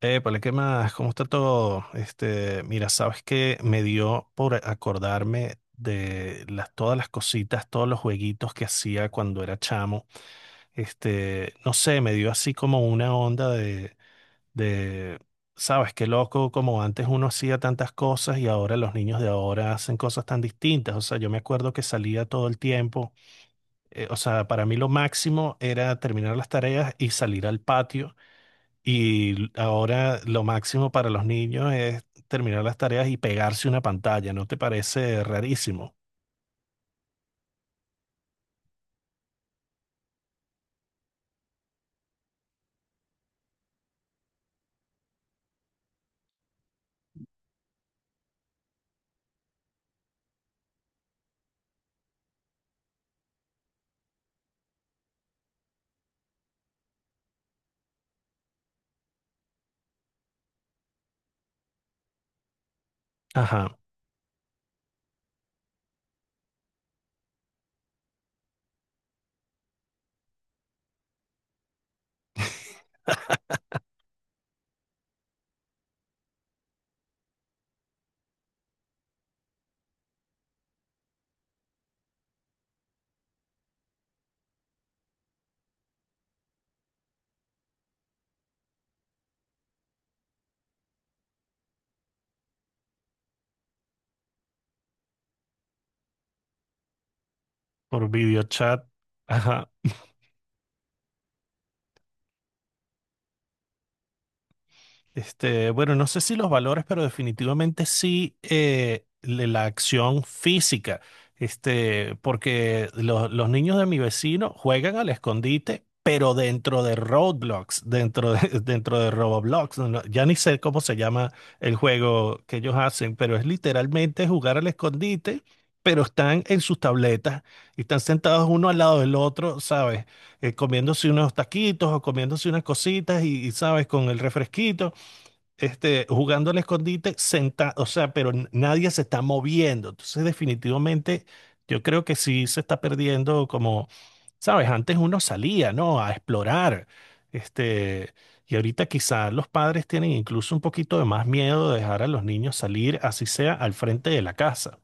Épale, ¿qué más? ¿Cómo está todo? Mira, sabes que me dio por acordarme de todas las cositas, todos los jueguitos que hacía cuando era chamo. No sé, me dio así como una onda de, sabes, qué loco, como antes uno hacía tantas cosas y ahora los niños de ahora hacen cosas tan distintas. O sea, yo me acuerdo que salía todo el tiempo. O sea, para mí lo máximo era terminar las tareas y salir al patio, y ahora lo máximo para los niños es terminar las tareas y pegarse una pantalla, ¿no te parece rarísimo? Ajá, por videochat. Ajá. Bueno, no sé si los valores, pero definitivamente sí, la acción física. Porque los niños de mi vecino juegan al escondite, pero dentro de Roblox, dentro de, dentro de Roblox. No, ya ni sé cómo se llama el juego que ellos hacen, pero es literalmente jugar al escondite, pero están en sus tabletas y están sentados uno al lado del otro, ¿sabes? Comiéndose unos taquitos o comiéndose unas cositas y sabes, con el refresquito, jugando al escondite sentado, o sea, pero nadie se está moviendo. Entonces, definitivamente, yo creo que sí se está perdiendo como, sabes, antes uno salía, ¿no? A explorar. Este, y ahorita quizás los padres tienen incluso un poquito de más miedo de dejar a los niños salir, así sea al frente de la casa.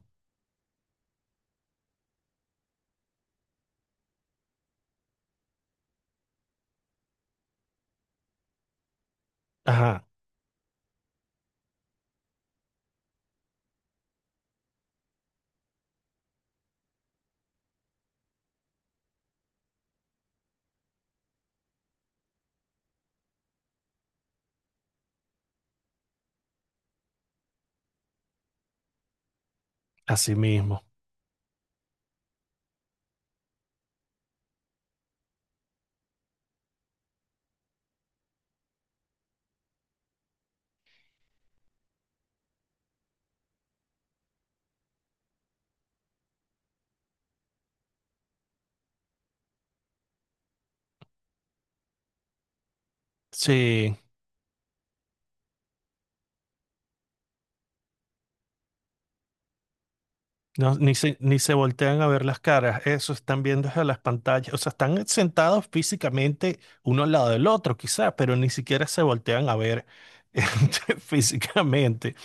Ajá, así mismo. Sí. No, ni se voltean a ver las caras, eso están viendo desde las pantallas, o sea, están sentados físicamente uno al lado del otro, quizá, pero ni siquiera se voltean a ver físicamente.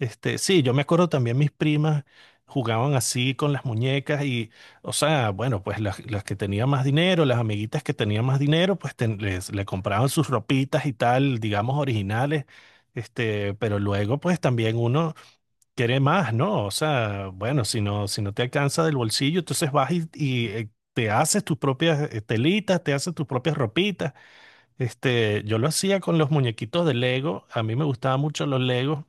Sí, yo me acuerdo también mis primas jugaban así con las muñecas y, o sea, bueno, pues las que tenían más dinero, las amiguitas que tenían más dinero, pues le compraban sus ropitas y tal, digamos, originales. Pero luego, pues también uno quiere más, ¿no? O sea, bueno, si no te alcanza del bolsillo, entonces vas te haces tus propias telitas, te haces tus propias ropitas. Yo lo hacía con los muñequitos de Lego. A mí me gustaban mucho los Legos,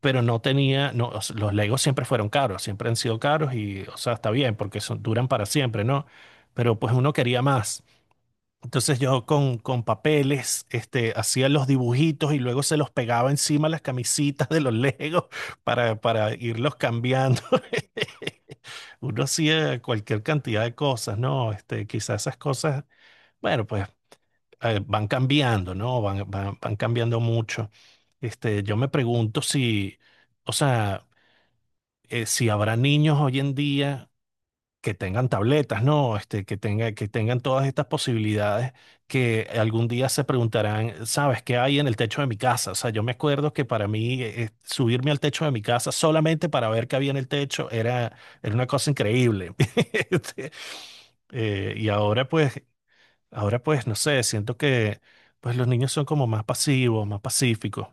pero no tenía, no, o sea, los Legos siempre fueron caros, siempre han sido caros y, o sea, está bien porque son, duran para siempre, ¿no? Pero pues uno quería más. Entonces yo con papeles hacía los dibujitos y luego se los pegaba encima a las camisitas de los Legos para irlos cambiando. Uno hacía cualquier cantidad de cosas, ¿no? Quizás esas cosas, bueno, pues van cambiando, ¿no? Van cambiando mucho. Yo me pregunto si, o sea, si habrá niños hoy en día que tengan tabletas, ¿no? Que tengan todas estas posibilidades, que algún día se preguntarán, ¿sabes qué hay en el techo de mi casa? O sea, yo me acuerdo que para mí subirme al techo de mi casa solamente para ver qué había en el techo era una cosa increíble. Este, y ahora pues, no sé, siento que pues los niños son como más pasivos, más pacíficos.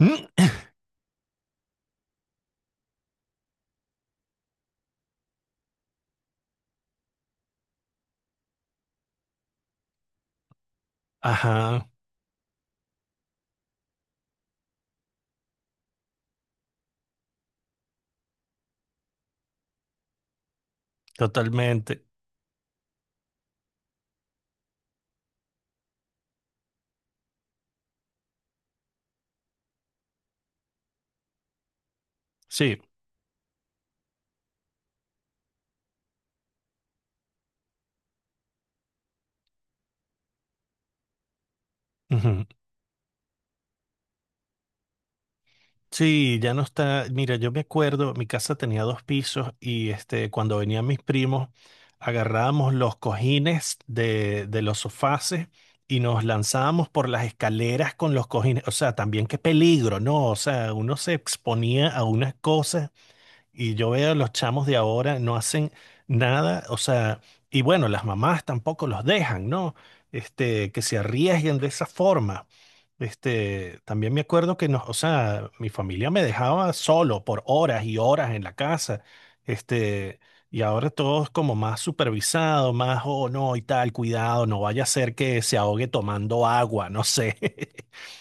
Mm. Ajá, totalmente. Sí. Ujú. Sí, ya no está. Mira, yo me acuerdo, mi casa tenía dos pisos y cuando venían mis primos, agarrábamos los cojines de los sofás y nos lanzábamos por las escaleras con los cojines. O sea, también qué peligro, ¿no? O sea, uno se exponía a unas cosas y yo veo a los chamos de ahora no hacen nada. O sea, y bueno, las mamás tampoco los dejan, ¿no? Que se arriesguen de esa forma. También me acuerdo que o sea, mi familia me dejaba solo por horas y horas en la casa. Este, y ahora todo es como más supervisado, más, oh, no, y tal, cuidado, no vaya a ser que se ahogue tomando agua, no sé.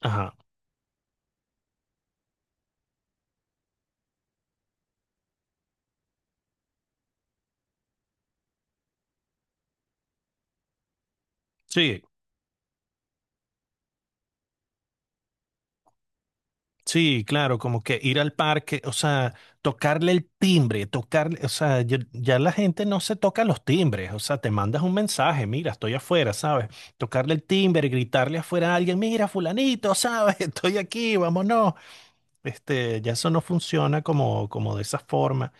Ajá. Sí, sí, claro, como que ir al parque, o sea, tocarle el timbre, tocarle, o sea, ya, ya la gente no se toca los timbres, o sea, te mandas un mensaje, mira, estoy afuera, ¿sabes? Tocarle el timbre, gritarle afuera a alguien, mira, fulanito, ¿sabes? Estoy aquí, vámonos. Ya eso no funciona como, como de esa forma.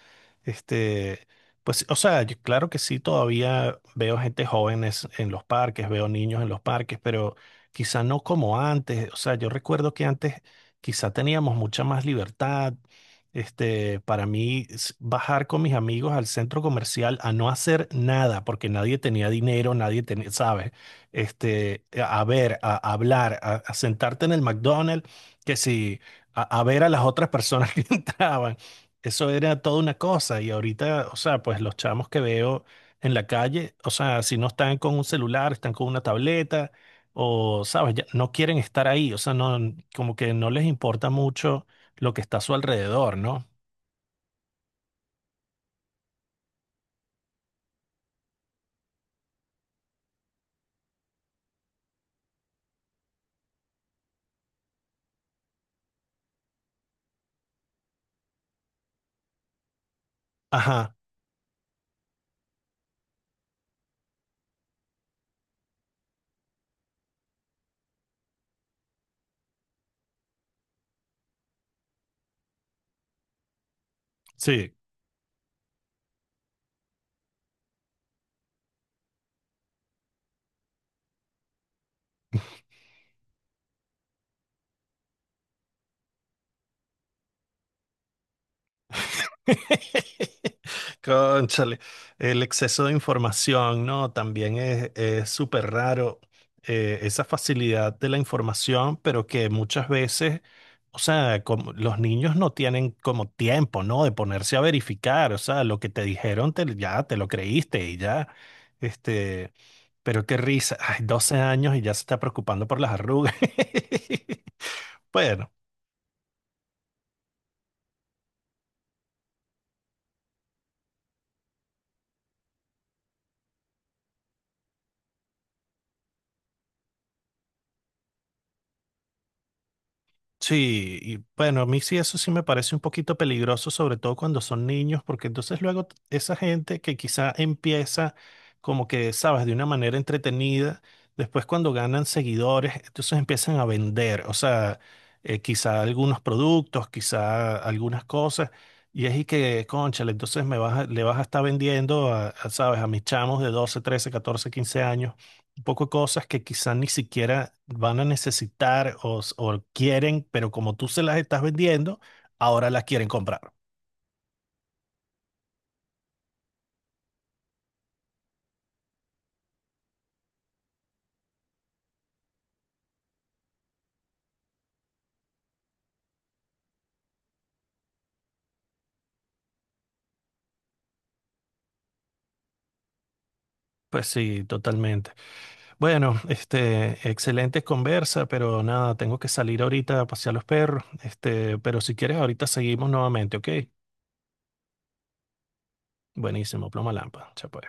Este, pues, o sea, claro que sí, todavía veo gente joven en los parques, veo niños en los parques, pero quizá no como antes. O sea, yo recuerdo que antes quizá teníamos mucha más libertad. Para mí, bajar con mis amigos al centro comercial a no hacer nada, porque nadie tenía dinero, nadie tenía, ¿sabes? A ver, a hablar, a sentarte en el McDonald's, que si a ver a las otras personas que entraban. Eso era toda una cosa. Y ahorita, o sea, pues los chamos que veo en la calle, o sea, si no están con un celular, están con una tableta, o, sabes, ya no quieren estar ahí. O sea, no, como que no les importa mucho lo que está a su alrededor, ¿no? Ajá, sí. Cónchale, el exceso de información, ¿no? También es súper raro, esa facilidad de la información, pero que muchas veces, o sea, como los niños no tienen como tiempo, ¿no? De ponerse a verificar, o sea, lo que te dijeron, ya te lo creíste y ya, este, pero qué risa, ay, 12 años y ya se está preocupando por las arrugas. Bueno. Sí, y bueno, a mí sí eso sí me parece un poquito peligroso, sobre todo cuando son niños, porque entonces luego esa gente que quizá empieza como que, sabes, de una manera entretenida, después cuando ganan seguidores, entonces empiezan a vender, o sea, quizá algunos productos, quizá algunas cosas, y es y que, cónchale, entonces me le vas a estar vendiendo a sabes, a mis chamos de 12, 13, 14, 15 años un poco de cosas que quizás ni siquiera van a necesitar o quieren, pero como tú se las estás vendiendo, ahora las quieren comprar. Pues sí, totalmente. Bueno, excelente conversa, pero nada, tengo que salir ahorita a pasear los perros. Pero si quieres, ahorita seguimos nuevamente, ¿ok? Buenísimo, ploma lámpara. Chao, pues.